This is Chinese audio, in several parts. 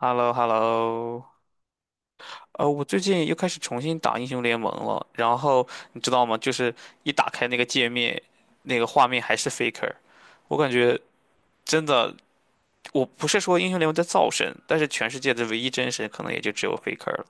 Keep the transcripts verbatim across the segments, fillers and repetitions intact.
h e l l o h e l l o 呃，我最近又开始重新打英雄联盟了，然后你知道吗？就是一打开那个界面，那个画面还是 Faker,我感觉真的，我不是说英雄联盟在造神，但是全世界的唯一真神可能也就只有 Faker 了。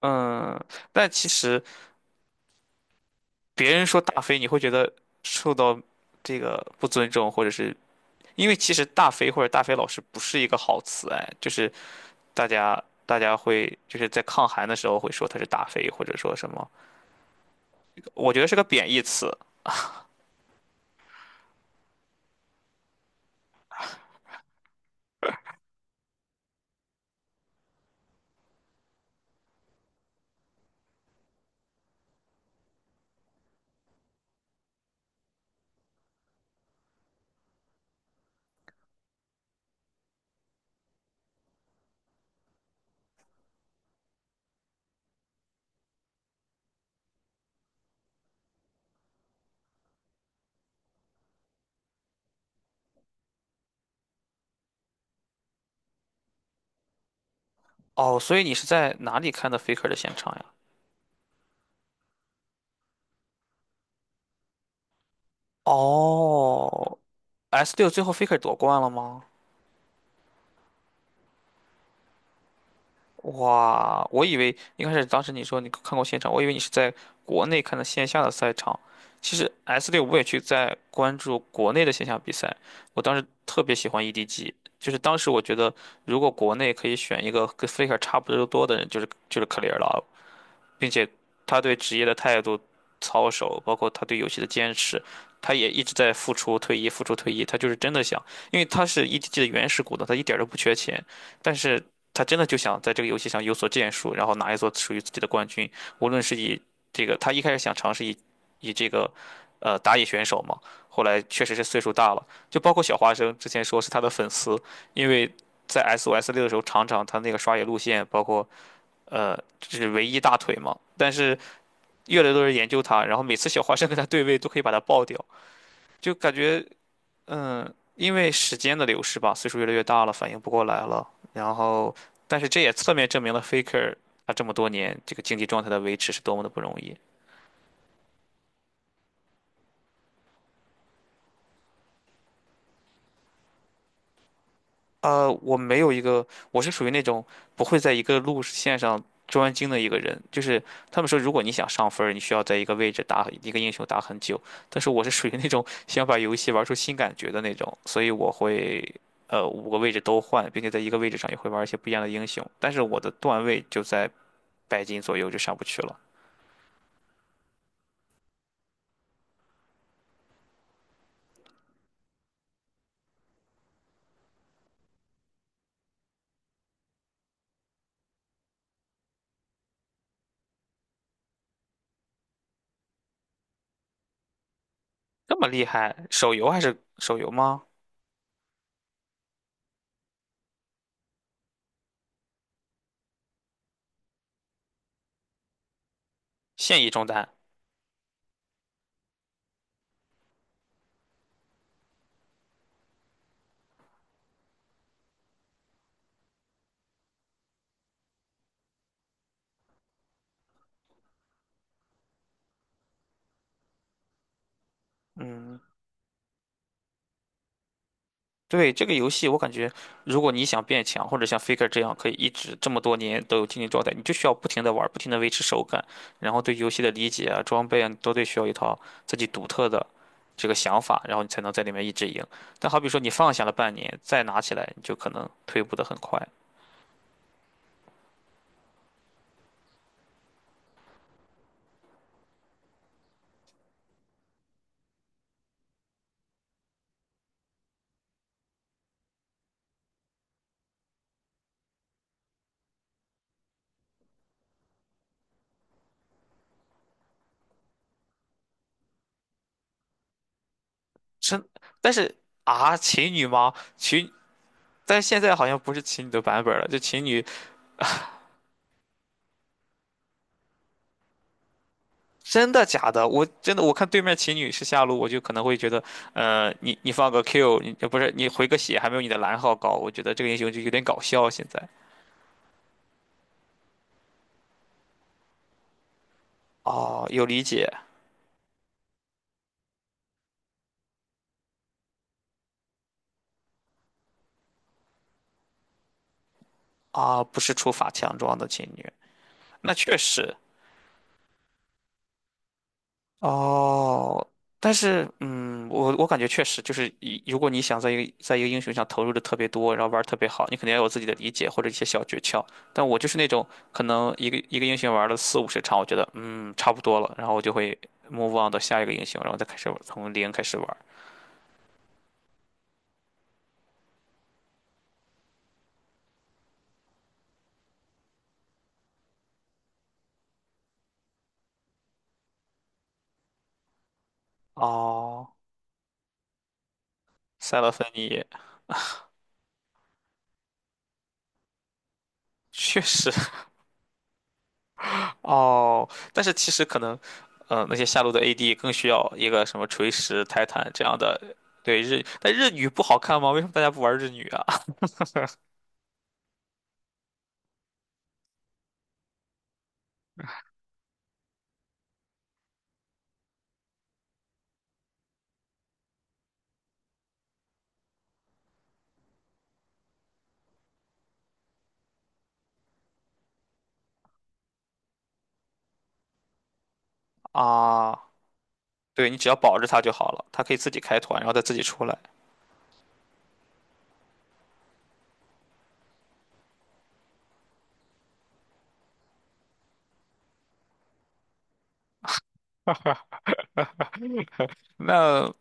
嗯，但其实别人说大飞，你会觉得受到这个不尊重，或者是因为其实大飞或者大飞老师不是一个好词，哎，就是大家大家会就是在抗寒的时候会说它是大飞，或者说什么，我觉得是个贬义词。哦，所以你是在哪里看的 Faker 的现场呀？哦，S 六最后 Faker 夺冠了吗？哇，我以为一开始当时你说你看过现场，我以为你是在国内看的线下的赛场。其实 S 六我也去在关注国内的线下比赛，我当时特别喜欢 E D G,就是当时我觉得如果国内可以选一个跟 Faker 差不多的人，就是就是 Clear 了，并且他对职业的态度、操守，包括他对游戏的坚持，他也一直在付出、退役、付出、退役。他就是真的想，因为他是 E D G 的原始股东，他一点儿都不缺钱，但是他真的就想在这个游戏上有所建树，然后拿一座属于自己的冠军。无论是以这个，他一开始想尝试以以这个呃打野选手嘛，后来确实是岁数大了，就包括小花生之前说是他的粉丝，因为在 S O S 六的时候，常常他那个刷野路线，包括。呃，这是唯一大腿嘛。但是越来越多人研究它，然后每次小花生跟它对位都可以把它爆掉，就感觉嗯，因为时间的流逝吧，岁数越来越大了，反应不过来了。然后，但是这也侧面证明了 Faker 他这么多年这个竞技状态的维持是多么的不容易。呃，我没有一个，我是属于那种不会在一个路线上专精的一个人。就是他们说，如果你想上分儿你需要在一个位置打一个英雄打很久。但是我是属于那种想把游戏玩出新感觉的那种，所以我会呃五个位置都换，并且在一个位置上也会玩一些不一样的英雄。但是我的段位就在百金左右，就上不去了。这么厉害，手游还是手游吗？现役中单？嗯。对，这个游戏，我感觉，如果你想变强，或者像 Faker 这样可以一直这么多年都有竞技状态，你就需要不停的玩，不停的维持手感，然后对游戏的理解啊、装备啊，你都得需要一套自己独特的这个想法，然后你才能在里面一直赢。但好比说你放下了半年，再拿起来，你就可能退步的很快。真，但是啊，琴女吗？琴，但是现在好像不是琴女的版本了，就琴女真的假的？我真的我看对面琴女是下路，我就可能会觉得，呃，你你放个 Q,你呃不是你回个血还没有你的蓝耗高，我觉得这个英雄就有点搞笑。现在哦，有理解啊，不是出法强装的琴女，那确实，哦，但是，嗯，我我感觉确实就是一，如果你想在一个在一个英雄上投入的特别多，然后玩儿特别好，你肯定要有自己的理解或者一些小诀窍。但我就是那种可能一个一个英雄玩了四五十场，我觉得嗯差不多了，然后我就会 move on 到下一个英雄，然后再开始玩从零开始玩儿。哦，塞勒芬妮确实，哦，但是其实可能，呃，那些下路的 A D 更需要一个什么锤石、泰坦这样的。对日，但日女不好看吗？为什么大家不玩日女啊？啊，对你只要保着她就好了，她可以自己开团，然后再自己出来。那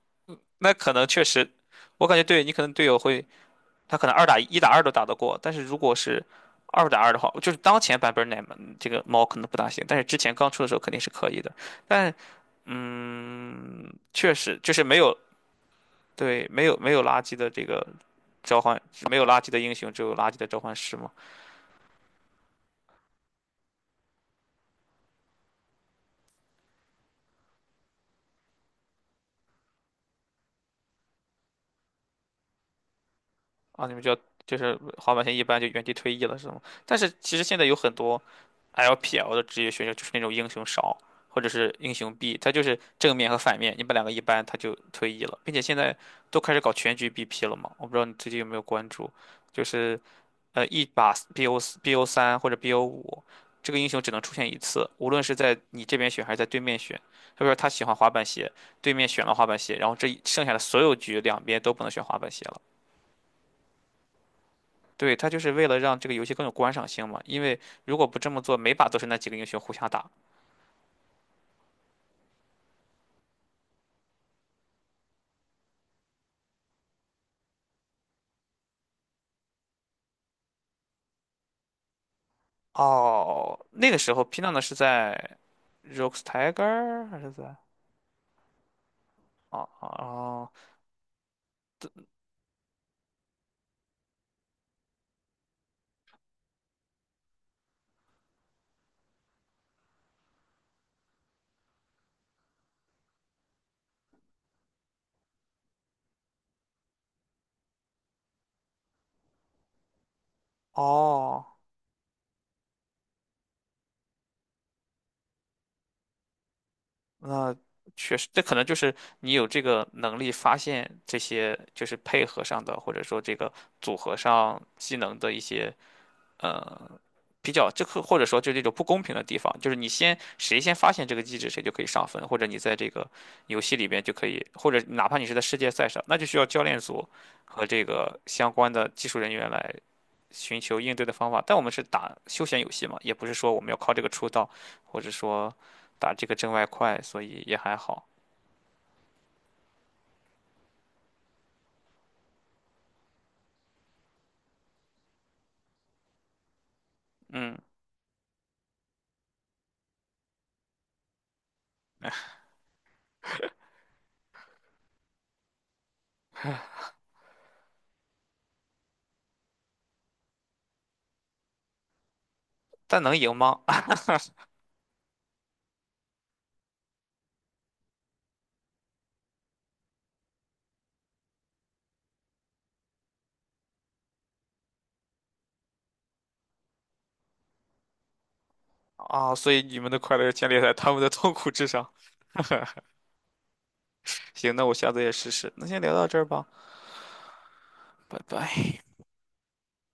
那可能确实，我感觉对你可能队友会，他可能二打一、一打二都打得过，但是如果是二打二的话，就是当前版本奶这个猫可能不大行，但是之前刚出的时候肯定是可以的。但嗯，确实就是没有对，没有没有垃圾的这个召唤，没有垃圾的英雄，只有垃圾的召唤师嘛。啊，你们就要就是滑板鞋一般就原地退役了是吗？但是其实现在有很多 L P L 的职业选手就是那种英雄少或者是英雄 B,他就是正面和反面，你把两个一般他就退役了，并且现在都开始搞全局 B P 了嘛。我不知道你最近有没有关注，就是呃，一把 BO BO 三或者 B O 五，这个英雄只能出现一次，无论是在你这边选还是在对面选。他说他喜欢滑板鞋，对面选了滑板鞋，然后这一剩下的所有局两边都不能选滑板鞋了。对，他就是为了让这个游戏更有观赏性嘛，因为如果不这么做，每把都是那几个英雄互相打。哦，那个时候 p i n 呢是在 Rogue Tiger 还是在？哦哦哦，哦那确实，这可能就是你有这个能力发现这些，就是配合上的，或者说这个组合上技能的一些呃比较，这个或者说就这种不公平的地方，就是你先谁先发现这个机制，谁就可以上分，或者你在这个游戏里边就可以，或者哪怕你是在世界赛上，那就需要教练组和这个相关的技术人员来寻求应对的方法。但我们是打休闲游戏嘛，也不是说我们要靠这个出道，或者说打这个挣外快，所以也还好。嗯，但能赢吗？啊，所以你们的快乐建立在他们的痛苦之上。行，那我下次也试试。那先聊到这儿吧，拜拜。